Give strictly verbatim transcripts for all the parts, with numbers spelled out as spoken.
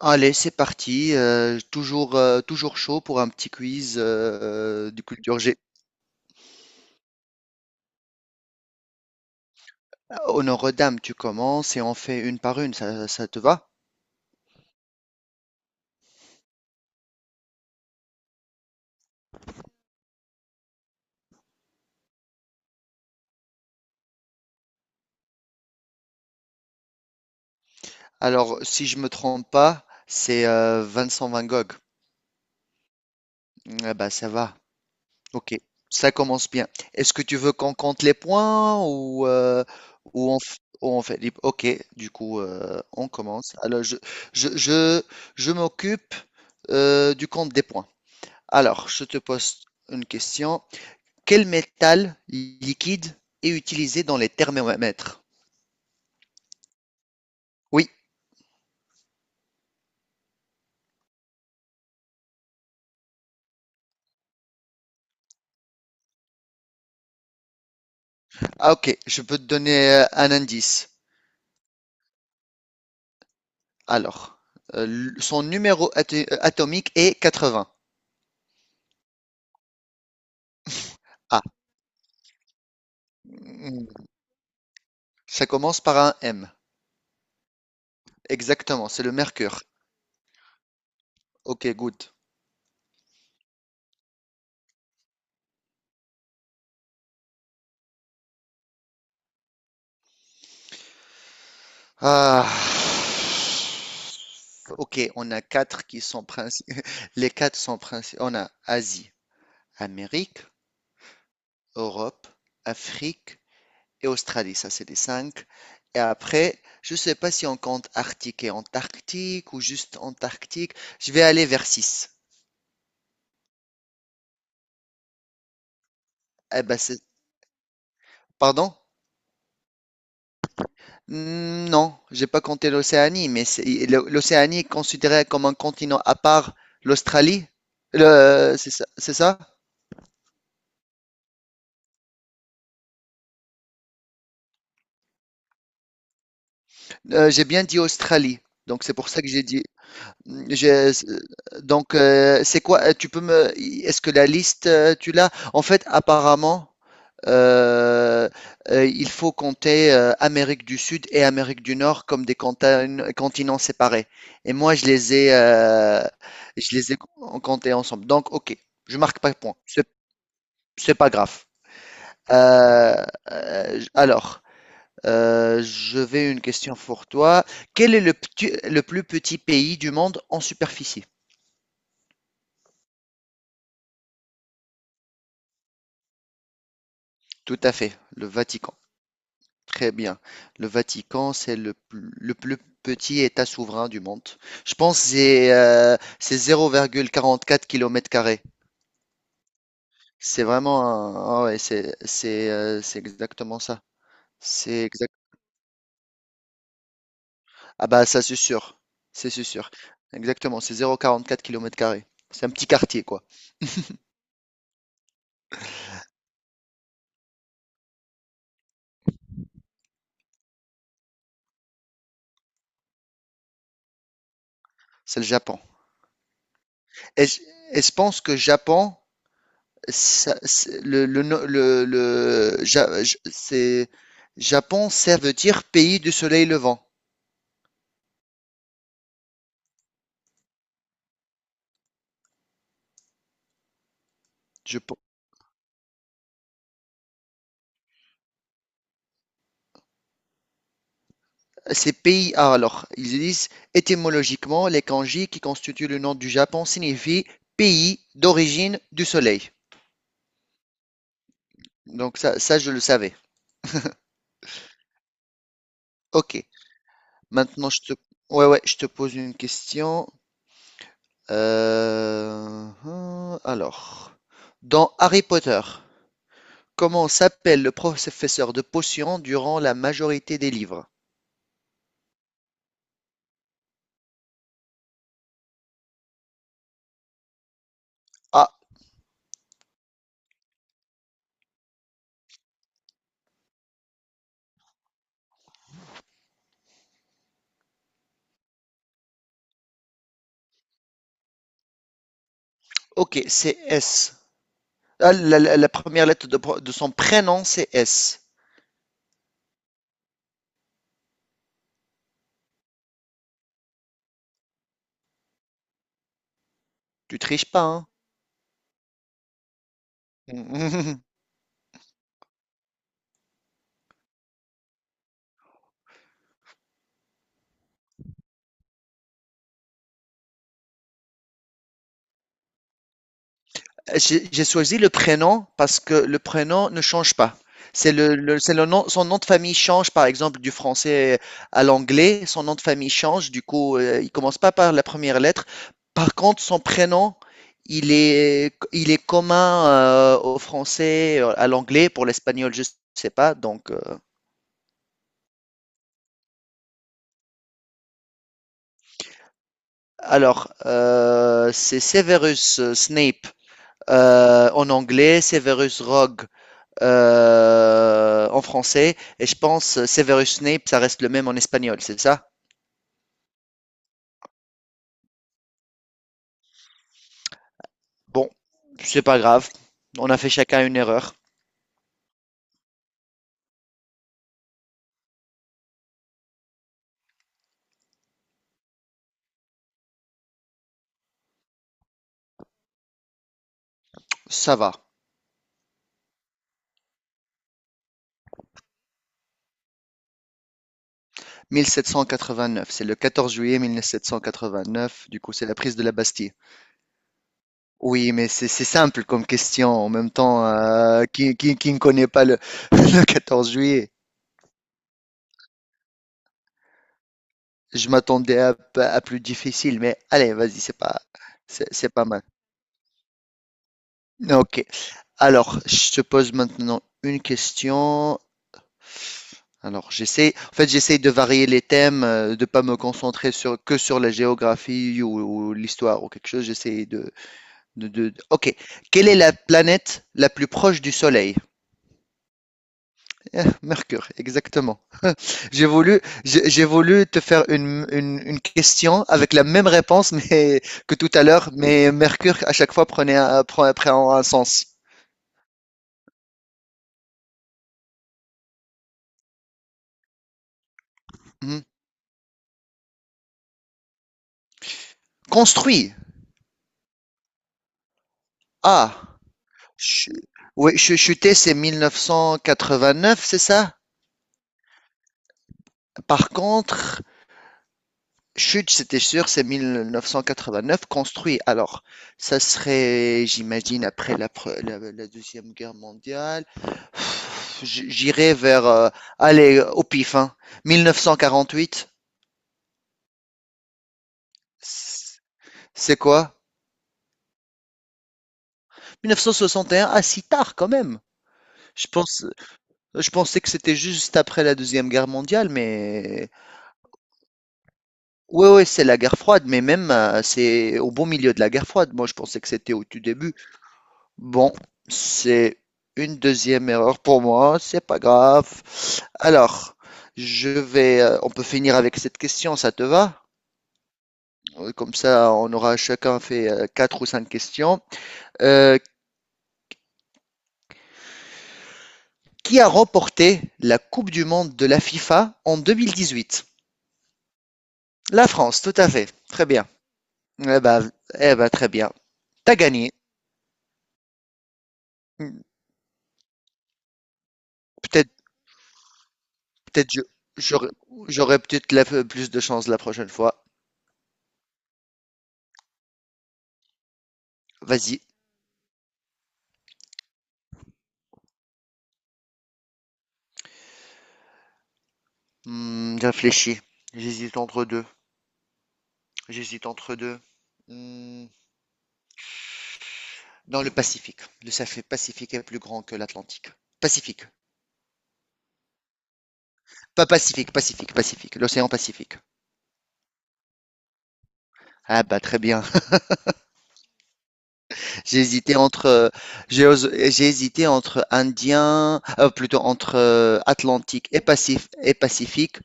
Allez, c'est parti. Euh, toujours, euh, toujours chaud pour un petit quiz euh, de culture G. Honneur aux dames, tu commences et on fait une par une. Ça, ça te va? Alors, si je me trompe pas, c'est euh, Vincent Van Gogh. Ah bah, ça va. Ok, ça commence bien. Est-ce que tu veux qu'on compte les points, ou, euh, ou on, f- ou on fait... libre. Ok, du coup, euh, on commence. Alors, je, je, je, je m'occupe euh, du compte des points. Alors, je te pose une question. Quel métal liquide est utilisé dans les thermomètres? Oui, ah ok, je peux te donner euh, un indice. Alors, euh, son numéro ato- atomique est quatre-vingts. Ah, hmm, ça commence par un M. Exactement, c'est le mercure. Ok, good. Ah. Ok, on a quatre qui sont princi- les quatre sont principaux. On a Asie, Amérique, Europe, Afrique, et Australie, ça c'est les cinq. Et après, je ne sais pas si on compte Arctique et Antarctique ou juste Antarctique. Je vais aller vers six. Eh ben, c'est... Pardon? Hmm, Non, j'ai pas compté l'Océanie, mais c'est- l'O- l'Océanie est considérée comme un continent à part l'Australie. Le- C'est ça? C'est ça. Euh, j'ai bien dit Australie, donc c'est pour ça que j'ai dit. j'ai- Donc, euh, c'est quoi? euh, Tu peux me. Est-ce que la liste, euh, tu l'as? En fait, apparemment. Euh, euh, il faut compter euh, Amérique du Sud et Amérique du Nord comme des contin- continents séparés. Et moi, je les ai, euh, je les ai comptés ensemble. Donc, ok, je marque pas de point. C'est, c'est pas grave. Euh, euh, j- alors, euh, je vais une question pour toi. Quel est le, petit- le plus petit pays du monde en superficie? Tout à fait, le Vatican. Très bien. Le Vatican, c'est le, pl- le plus petit État souverain du monde. Je pense que c'est euh, c'est zéro virgule quarante-quatre kilomètres carrés. C'est vraiment un... ah ouais, c'est c'est, euh, c'est exactement ça. C'est exact. Ah bah ça c'est sûr. C'est c'est sûr. Exactement, c'est zéro virgule quarante-quatre kilomètres carrés. C'est un petit quartier quoi. C'est le Japon. Et je, et je pense que Japon, ça- c'est- le, le, no- le, le- Ja- Ja- c'est Japon, ça veut dire pays du soleil levant. Je pe- Ces pays, ah, alors, ils disent étymologiquement, les kanji qui constituent le nom du Japon signifient pays d'origine du soleil. Donc ça, ça, je le savais. Ok. Maintenant, je te, ouais, ouais, je te pose une question. Euh, hum, Alors, dans Harry Potter, comment s'appelle le professeur de potions durant la majorité des livres? Ah, ok, c'est S. Ah, la, la- la première lettre de, pro- de son prénom, c'est S. Tu triches pas, hein? Mhm. J'ai j'ai choisi le prénom parce que le prénom ne change pas. C'est le, le- c'est le nom, son nom de famille change, par exemple, du français à l'anglais, son nom de famille change, du coup, euh, il commence pas par la première lettre. Par contre, son prénom, il est, il est commun euh, au français, euh, à l'anglais, pour l'espagnol, je sais pas. Donc, euh, alors, euh, c'est Severus Snape. Euh, en anglais, Severus Rogue euh, en français, et je pense Severus Snape, ça reste le même en espagnol, c'est ça. Bon, c'est pas grave, on a fait chacun une erreur, ça va. mille sept cent quatre-vingt-neuf, c'est le quatorze juillet mille sept cent quatre-vingt-neuf, du coup c'est la prise de la Bastille. Oui, mais c'est simple comme question. En même temps, euh, qui, qui, qui ne connaît pas le, le quatorze juillet? Je m'attendais à, à plus difficile, mais allez, vas-y, c'est pas, c'est pas mal. Ok. Alors, je te pose maintenant une question. Alors, j'essaie, en fait, j'essaie de varier les thèmes, euh, de pas me concentrer sur, que sur la géographie ou, ou l'histoire ou quelque chose. J'essaie de, de, de- de- Ok. Quelle est la planète la plus proche du Soleil? Eh, Mercure, exactement. J'ai voulu, j'ai j'ai voulu te faire une, une- une question avec la même réponse mais, que tout à l'heure, mais Mercure, à chaque fois, prenait un, prend, prend un sens. Mhm. Construit. Ah. Chu- Oui, Chu- Chuter, c'est mille neuf cent quatre-vingt-neuf, c'est ça? Par contre, Chute, c'était sûr, c'est mille neuf cent quatre-vingt-neuf, construit. Alors, ça serait, j'imagine, après la, pre- la, la Deuxième Guerre mondiale. J- J'irais vers, euh, allez, au pif, hein. mille neuf cent quarante-huit, c'est c'est quoi? mille neuf cent soixante et un, ah, si tard quand même. Je pense, je pensais que c'était juste après la Deuxième Guerre mondiale, mais ouais, ouais, c'est la guerre froide, mais même euh, c'est au bon milieu de la guerre froide. Moi, je pensais que c'était au tout début. Bon, c'est une deuxième erreur pour moi, c'est pas grave. Alors, je vais, euh, on peut finir avec cette question, ça te va? Euh, Comme ça, on aura chacun fait euh, quatre ou cinq questions. Euh, qui a remporté la Coupe du Monde de la FIFA en deux mille dix-huit? La France, tout à fait. Très bien. Eh ben, eh ben, très bien. T'as gagné. Peut-être Peut-être je j'aurais j'aurais peut-être la- plus de chance la prochaine fois. Vas-y. Hmm, réfléchis. J'hésite entre deux. J'hésite entre deux. Hmm, Dans le Pacifique. Le Ça fait Pacifique est plus grand que l'Atlantique. Pacifique. Pas Pacifique, Pacifique, Pacifique. L'océan Pacifique. Ah bah très bien. J'ai hésité entre euh, j'ai os- j'ai hésité entre Indien, euh, plutôt entre euh, Atlantique et Pacif- et Pacifique.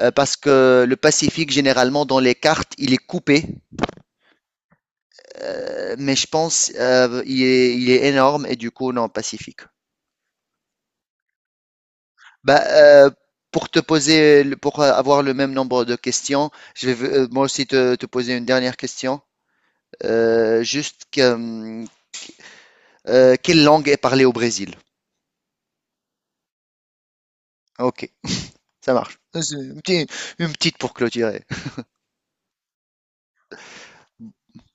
Euh, parce que le Pacifique, généralement, dans les cartes, il est coupé mais je pense euh, il, est, il est énorme et du coup non Pacifique. Bah, euh, pour te poser, pour avoir le même nombre de questions, je vais euh, moi aussi te, te, poser une dernière question. Euh, juste que, euh, quelle langue est parlée au Brésil? Ok, ça marche. C'est une petite, une petite pour clôturer.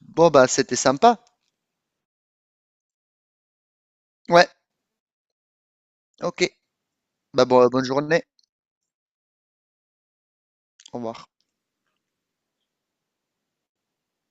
Bon bah c'était sympa. Ouais, ok. Bah bon, bonne journée. Au revoir.